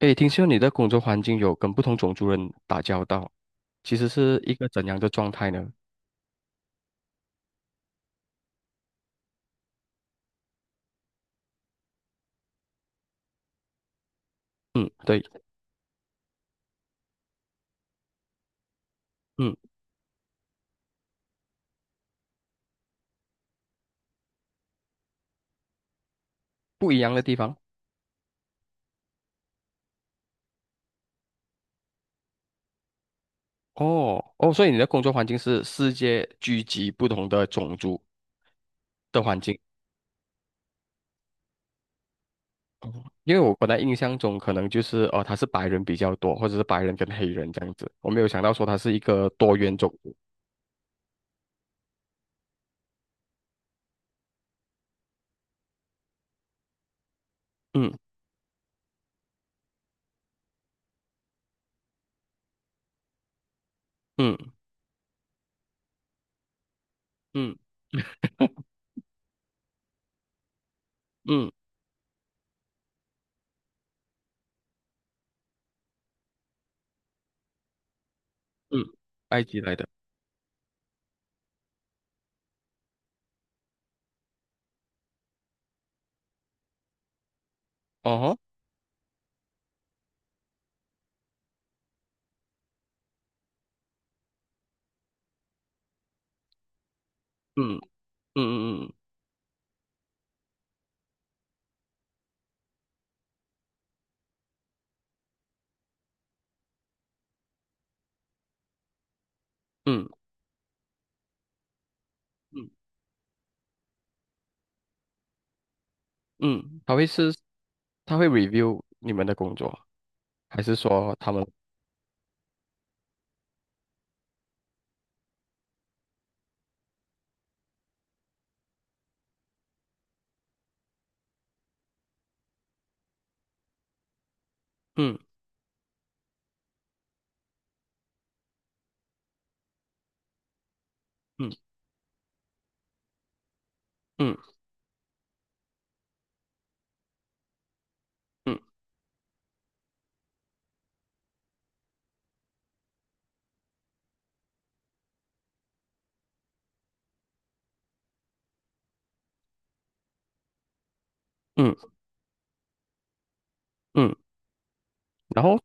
诶，听说你的工作环境有跟不同种族人打交道，其实是一个怎样的状态呢？嗯，对，嗯，不一样的地方。哦，哦，所以你的工作环境是世界聚集不同的种族的环境，因为我本来印象中可能就是哦，他是白人比较多，或者是白人跟黑人这样子，我没有想到说他是一个多元种族。嗯嗯嗯嗯嗯，嗯埃及来的。哦吼，嗯嗯嗯嗯嗯嗯。嗯他会 review 你们的工作，还是说他们嗯嗯嗯嗯嗯嗯，然后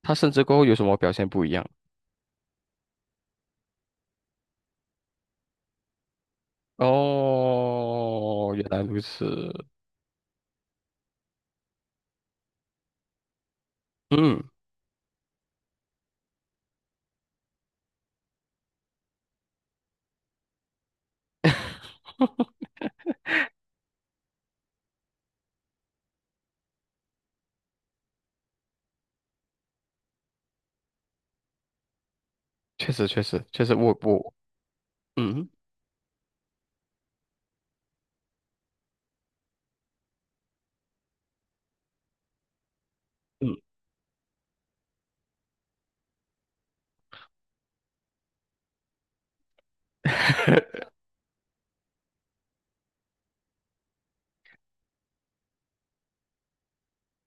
他甚至过后有什么表现不一样？哦，原来如此，嗯确实确实确实，我嗯嗯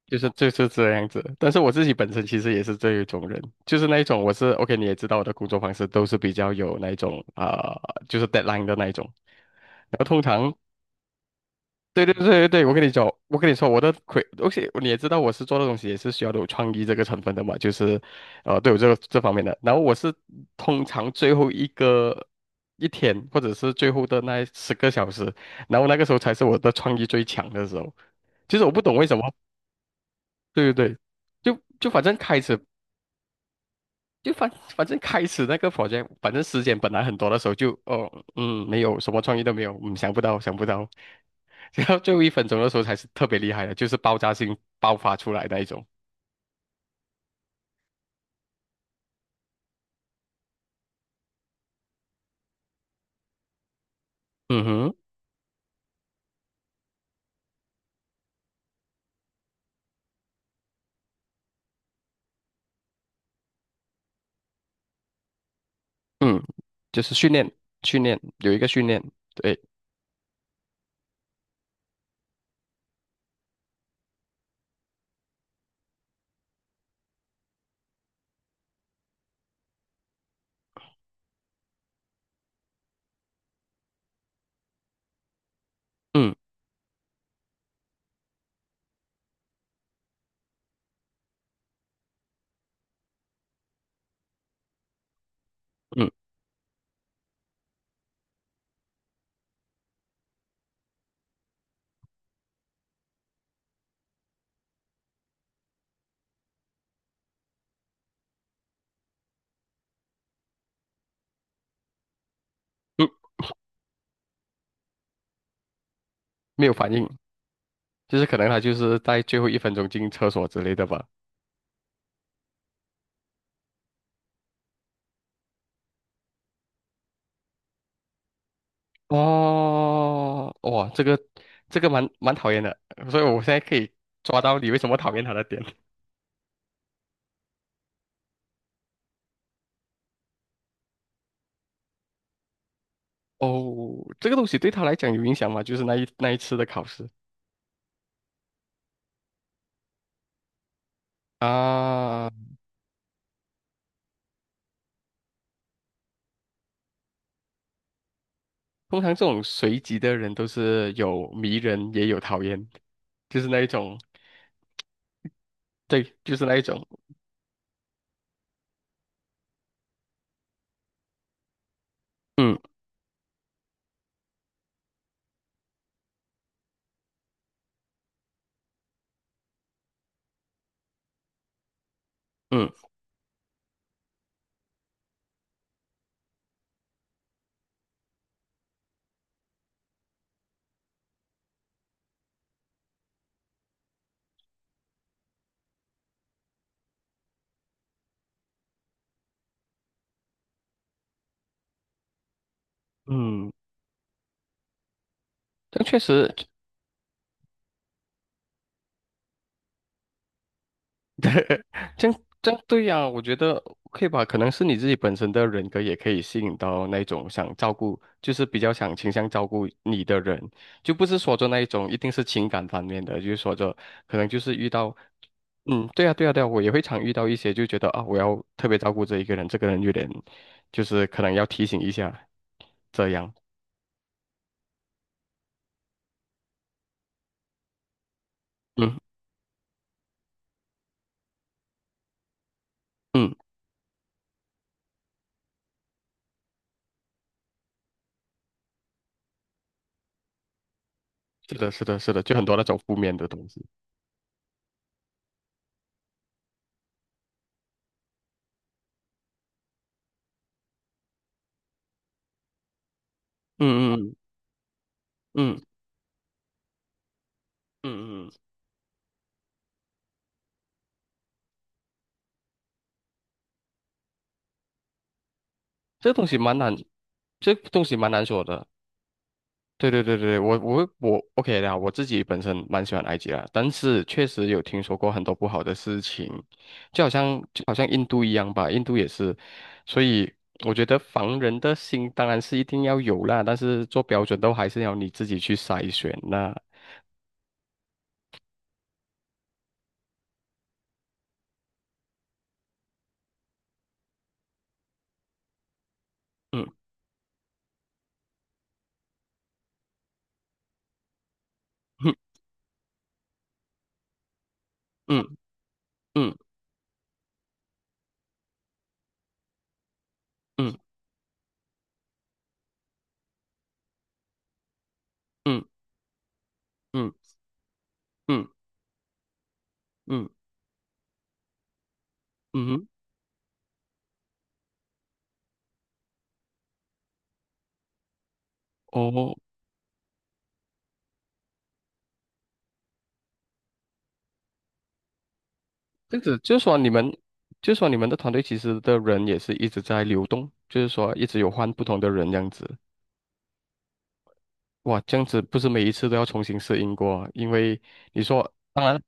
就是这样子。但是我自己本身其实也是这一种人，就是那一种我是 OK，你也知道我的工作方式都是比较有那一种啊，就是 deadline 的那一种。然后通常对对对对对，我跟你讲，我跟你说，我的亏，而且你也知道，我是做的东西也是需要有创意这个成分的嘛，就是，对我这个这方面的。然后我是通常最后一个一天，或者是最后的那10个小时，然后那个时候才是我的创意最强的时候。其实我不懂为什么，对对对，就反正开始。就反正开始那个房间，反正时间本来很多的时候就，哦，嗯，没有什么创意都没有，嗯，想不到，想不到，然后最后一分钟的时候才是特别厉害的，就是爆炸性爆发出来那一种。嗯哼，嗯，就是训练，训练有一个训练，对，嗯嗯嗯，没有反应，就是可能他就是在最后一分钟进厕所之类的吧。哦，哇，这个蛮讨厌的，所以我现在可以抓到你为什么讨厌他的点。哦，这个东西对他来讲有影响吗？就是那一次的考试啊，通常这种随机的人都是有迷人也有讨厌，就是那一种，对，就是那一种，嗯嗯嗯，但确实对，这样这样对呀，我觉得可以吧，可能是你自己本身的人格也可以吸引到那种想照顾，就是比较想倾向照顾你的人，就不是说着那一种一定是情感方面的，就是说着可能就是遇到，嗯，对呀对呀对呀，我也会常遇到一些就觉得啊，我要特别照顾这一个人，这个人有点就是可能要提醒一下这样，嗯嗯，是的是的是的，就很多那种负面的东西，嗯嗯嗯嗯嗯嗯。嗯这东西蛮难，这东西蛮难说的。对对对对，我 OK 的啊，我自己本身蛮喜欢埃及啦，但是确实有听说过很多不好的事情，就好像印度一样吧，印度也是，所以我觉得防人的心当然是一定要有啦，但是做标准都还是要你自己去筛选啦。嗯嗯嗯嗯嗯嗯嗯嗯嗯嗯，嗯哦这样子就是说你们，就是说你们的团队其实的人也是一直在流动，就是说一直有换不同的人这样子。哇，这样子不是每一次都要重新适应过啊因为你说，当然，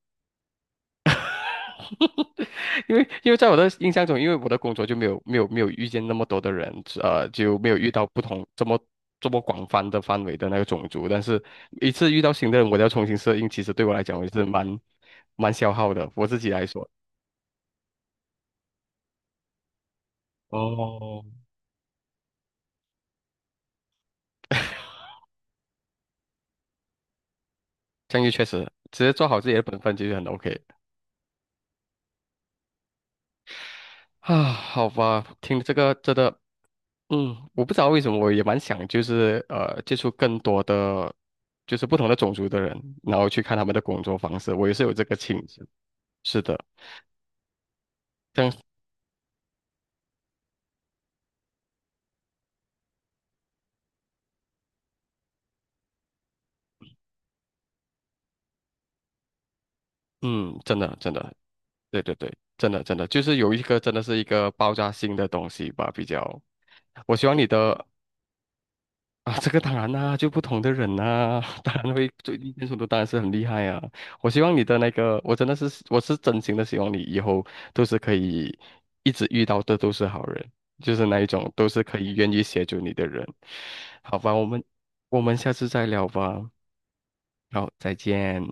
因为在我的印象中，因为我的工作就没有遇见那么多的人，就没有遇到不同这么广泛的范围的那个种族。但是一次遇到新的人，我都要重新适应，其实对我来讲，我也是蛮消耗的，我自己来说。哦，这样就确实直接做好自己的本分就是很 OK 啊。好吧，听这个真的，嗯，我不知道为什么，我也蛮想就是接触更多的就是不同的种族的人，然后去看他们的工作方式，我也是有这个倾向。是的，这样，嗯，真的真的，对对对，真的真的，就是有一个真的是一个爆炸性的东西吧，比较。我希望你的啊，这个当然啦，就不同的人呐，当然会最意见冲的当然是很厉害啊。我希望你的那个，我是真心的希望你以后都是可以一直遇到的都是好人，就是那一种都是可以愿意协助你的人。好吧，我们下次再聊吧。好，再见。